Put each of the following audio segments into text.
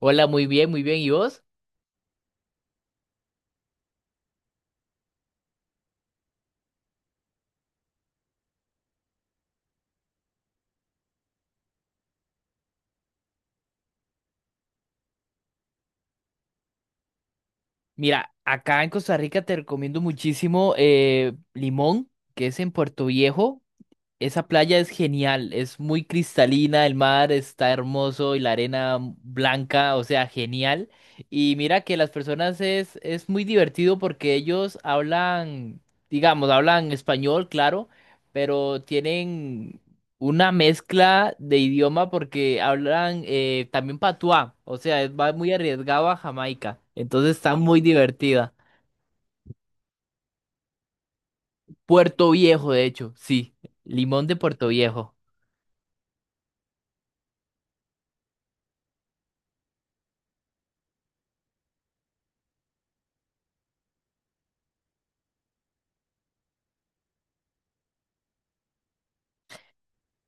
Hola, muy bien, muy bien. ¿Y vos? Mira, acá en Costa Rica te recomiendo muchísimo Limón, que es en Puerto Viejo. Esa playa es genial, es muy cristalina, el mar está hermoso y la arena blanca, o sea, genial. Y mira que las personas es muy divertido porque ellos hablan, digamos, hablan español, claro, pero tienen una mezcla de idioma porque hablan también patuá, o sea, va muy arriesgado a Jamaica, entonces está muy divertida. Puerto Viejo, de hecho, sí, Limón de Puerto Viejo.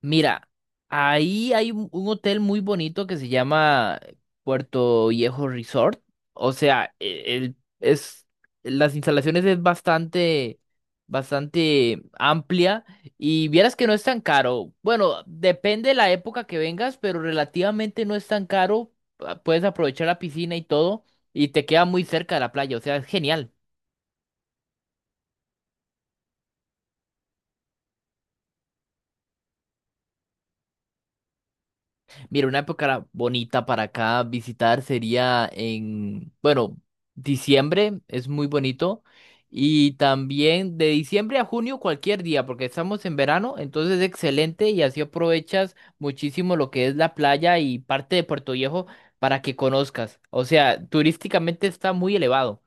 Mira, ahí hay un hotel muy bonito que se llama Puerto Viejo Resort. O sea, es, las instalaciones es bastante, bastante amplia y vieras que no es tan caro. Bueno, depende de la época que vengas, pero relativamente no es tan caro. Ah, puedes aprovechar la piscina y todo y te queda muy cerca de la playa. O sea, es genial. Mira, una época bonita para acá visitar sería en, bueno, diciembre es muy bonito y también de diciembre a junio cualquier día porque estamos en verano, entonces excelente y así aprovechas muchísimo lo que es la playa y parte de Puerto Viejo para que conozcas. O sea, turísticamente está muy elevado.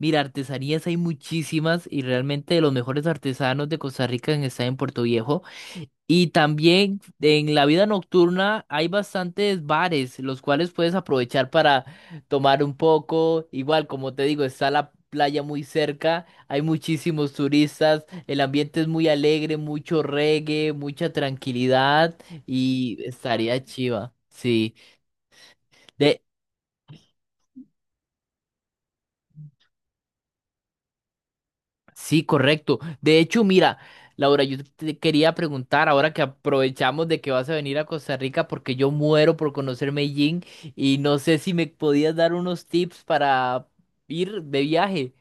Mira, artesanías hay muchísimas y realmente los mejores artesanos de Costa Rica están en Puerto Viejo. Y también en la vida nocturna hay bastantes bares, los cuales puedes aprovechar para tomar un poco. Igual, como te digo, está la playa muy cerca, hay muchísimos turistas, el ambiente es muy alegre, mucho reggae, mucha tranquilidad y estaría chiva. Sí, de Sí, correcto. De hecho, mira, Laura, yo te quería preguntar ahora que aprovechamos de que vas a venir a Costa Rica porque yo muero por conocer Medellín y no sé si me podías dar unos tips para ir de viaje.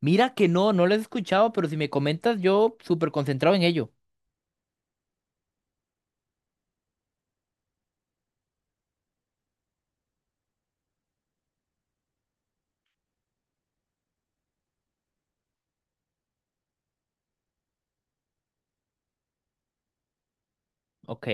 Mira que no, no lo he escuchado, pero si me comentas, yo súper concentrado en ello. Ok,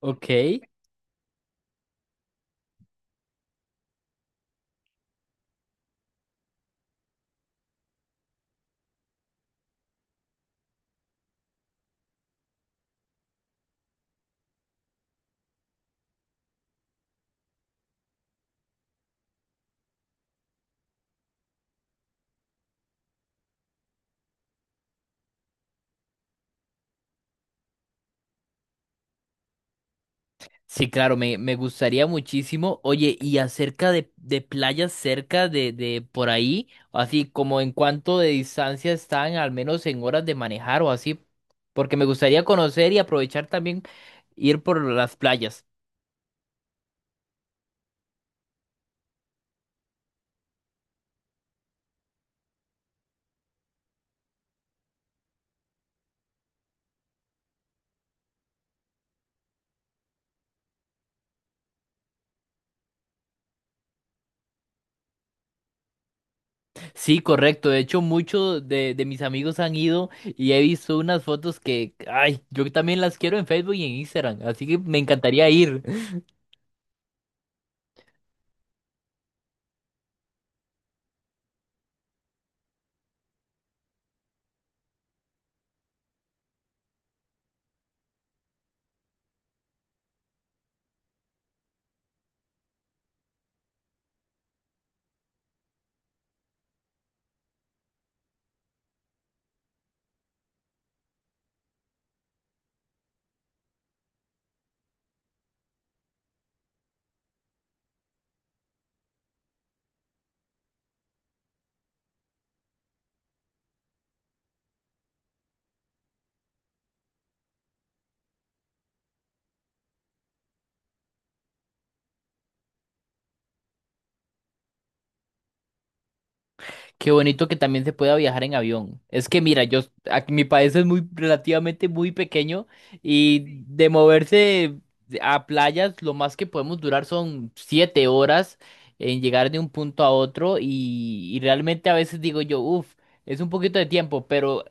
ok. Sí, claro, me gustaría muchísimo. Oye, y acerca de playas cerca de por ahí, así como en cuánto de distancia están, al menos en horas de manejar o así, porque me gustaría conocer y aprovechar también ir por las playas. Sí, correcto. De hecho, muchos de mis amigos han ido y he visto unas fotos que, ay, yo también las quiero en Facebook y en Instagram, así que me encantaría ir. Qué bonito que también se pueda viajar en avión. Es que mira, yo aquí mi país es muy relativamente muy pequeño y de moverse a playas, lo más que podemos durar son 7 horas en llegar de un punto a otro y realmente a veces digo yo, uff, es un poquito de tiempo, pero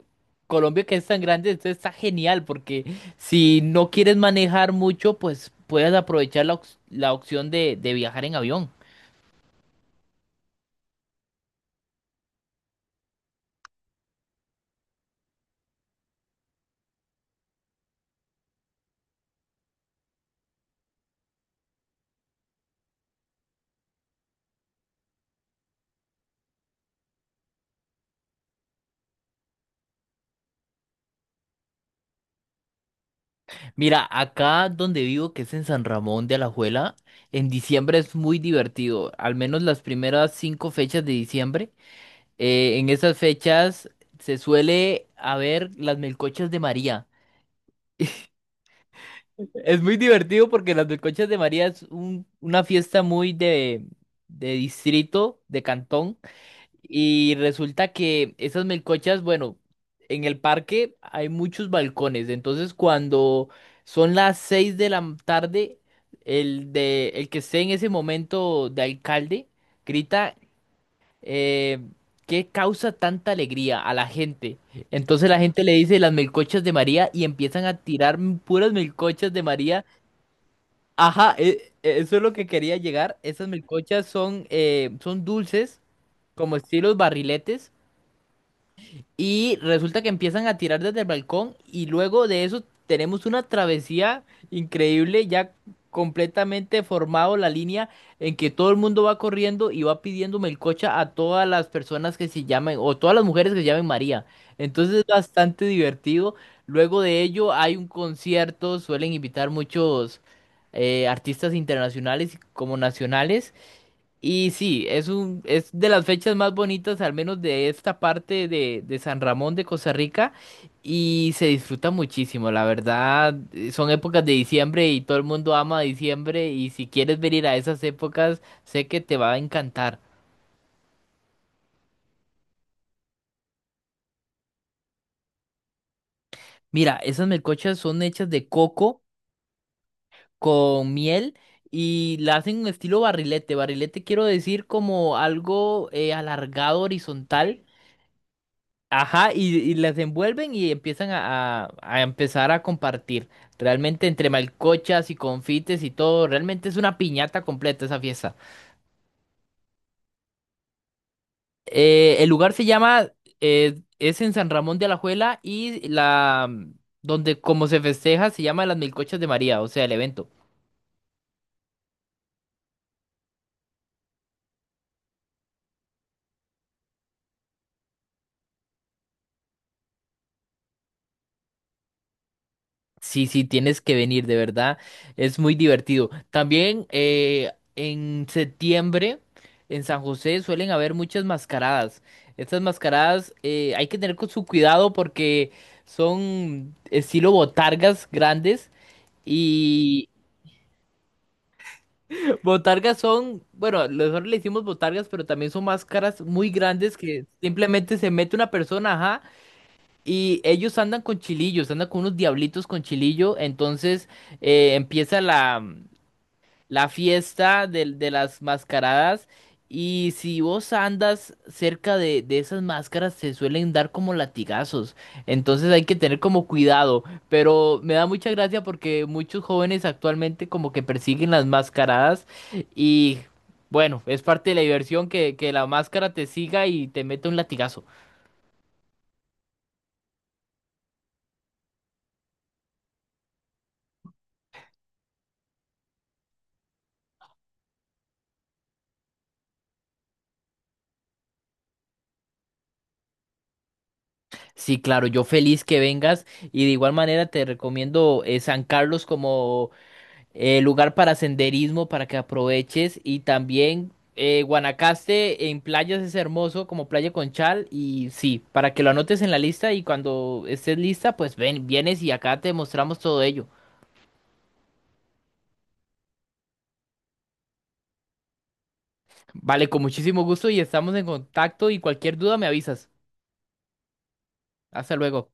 Colombia que es tan grande, esto está genial porque si no quieres manejar mucho, pues puedes aprovechar la, la opción de viajar en avión. Mira, acá donde vivo, que es en San Ramón de Alajuela, en diciembre es muy divertido, al menos las primeras 5 fechas de diciembre. En esas fechas se suele haber las melcochas de María. Es muy divertido porque las melcochas de María es una fiesta muy de distrito, de cantón. Y resulta que esas melcochas, bueno, en el parque hay muchos balcones, entonces cuando son las 6 de la tarde, el de el que esté en ese momento de alcalde grita eh, ¿qué causa tanta alegría a la gente? Entonces la gente le dice las melcochas de María y empiezan a tirar puras melcochas de María. Ajá, eso es lo que quería llegar. Esas melcochas son, son dulces, como estilos barriletes y resulta que empiezan a tirar desde el balcón y luego de eso tenemos una travesía increíble, ya completamente formado la línea en que todo el mundo va corriendo y va pidiendo melcocha a todas las personas que se llamen o todas las mujeres que se llamen María. Entonces es bastante divertido. Luego de ello hay un concierto, suelen invitar muchos artistas internacionales como nacionales. Y sí, es de las fechas más bonitas, al menos de esta parte de San Ramón de Costa Rica, y se disfruta muchísimo, la verdad, son épocas de diciembre y todo el mundo ama diciembre, y si quieres venir a esas épocas, sé que te va a encantar. Mira, esas melcochas son hechas de coco con miel y la hacen en estilo barrilete. Barrilete quiero decir como algo alargado, horizontal. Ajá, y las envuelven y empiezan a empezar a compartir. Realmente entre malcochas y confites y todo, realmente es una piñata completa esa fiesta. El lugar se llama, es en San Ramón de Alajuela y la, mm, donde como se festeja se llama Las Milcochas de María, o sea, el evento. Sí, sí, tienes que venir, de verdad. Es muy divertido. También en septiembre en San José suelen haber muchas mascaradas. Estas mascaradas hay que tener con su cuidado porque son estilo botargas grandes y botargas son, bueno, nosotros le decimos botargas, pero también son máscaras muy grandes que simplemente se mete una persona, ajá, y ellos andan con chilillos, andan con unos diablitos con chilillo. Entonces empieza la, la fiesta de las mascaradas. Y si vos andas cerca de esas máscaras, se suelen dar como latigazos. Entonces hay que tener como cuidado. Pero me da mucha gracia porque muchos jóvenes actualmente como que persiguen las mascaradas. Y bueno, es parte de la diversión que la máscara te siga y te mete un latigazo. Sí, claro, yo feliz que vengas y de igual manera te recomiendo San Carlos como lugar para senderismo para que aproveches y también Guanacaste en playas es hermoso como Playa Conchal y sí, para que lo anotes en la lista y cuando estés lista pues ven, vienes y acá te mostramos todo ello. Vale, con muchísimo gusto y estamos en contacto y cualquier duda me avisas. Hasta luego.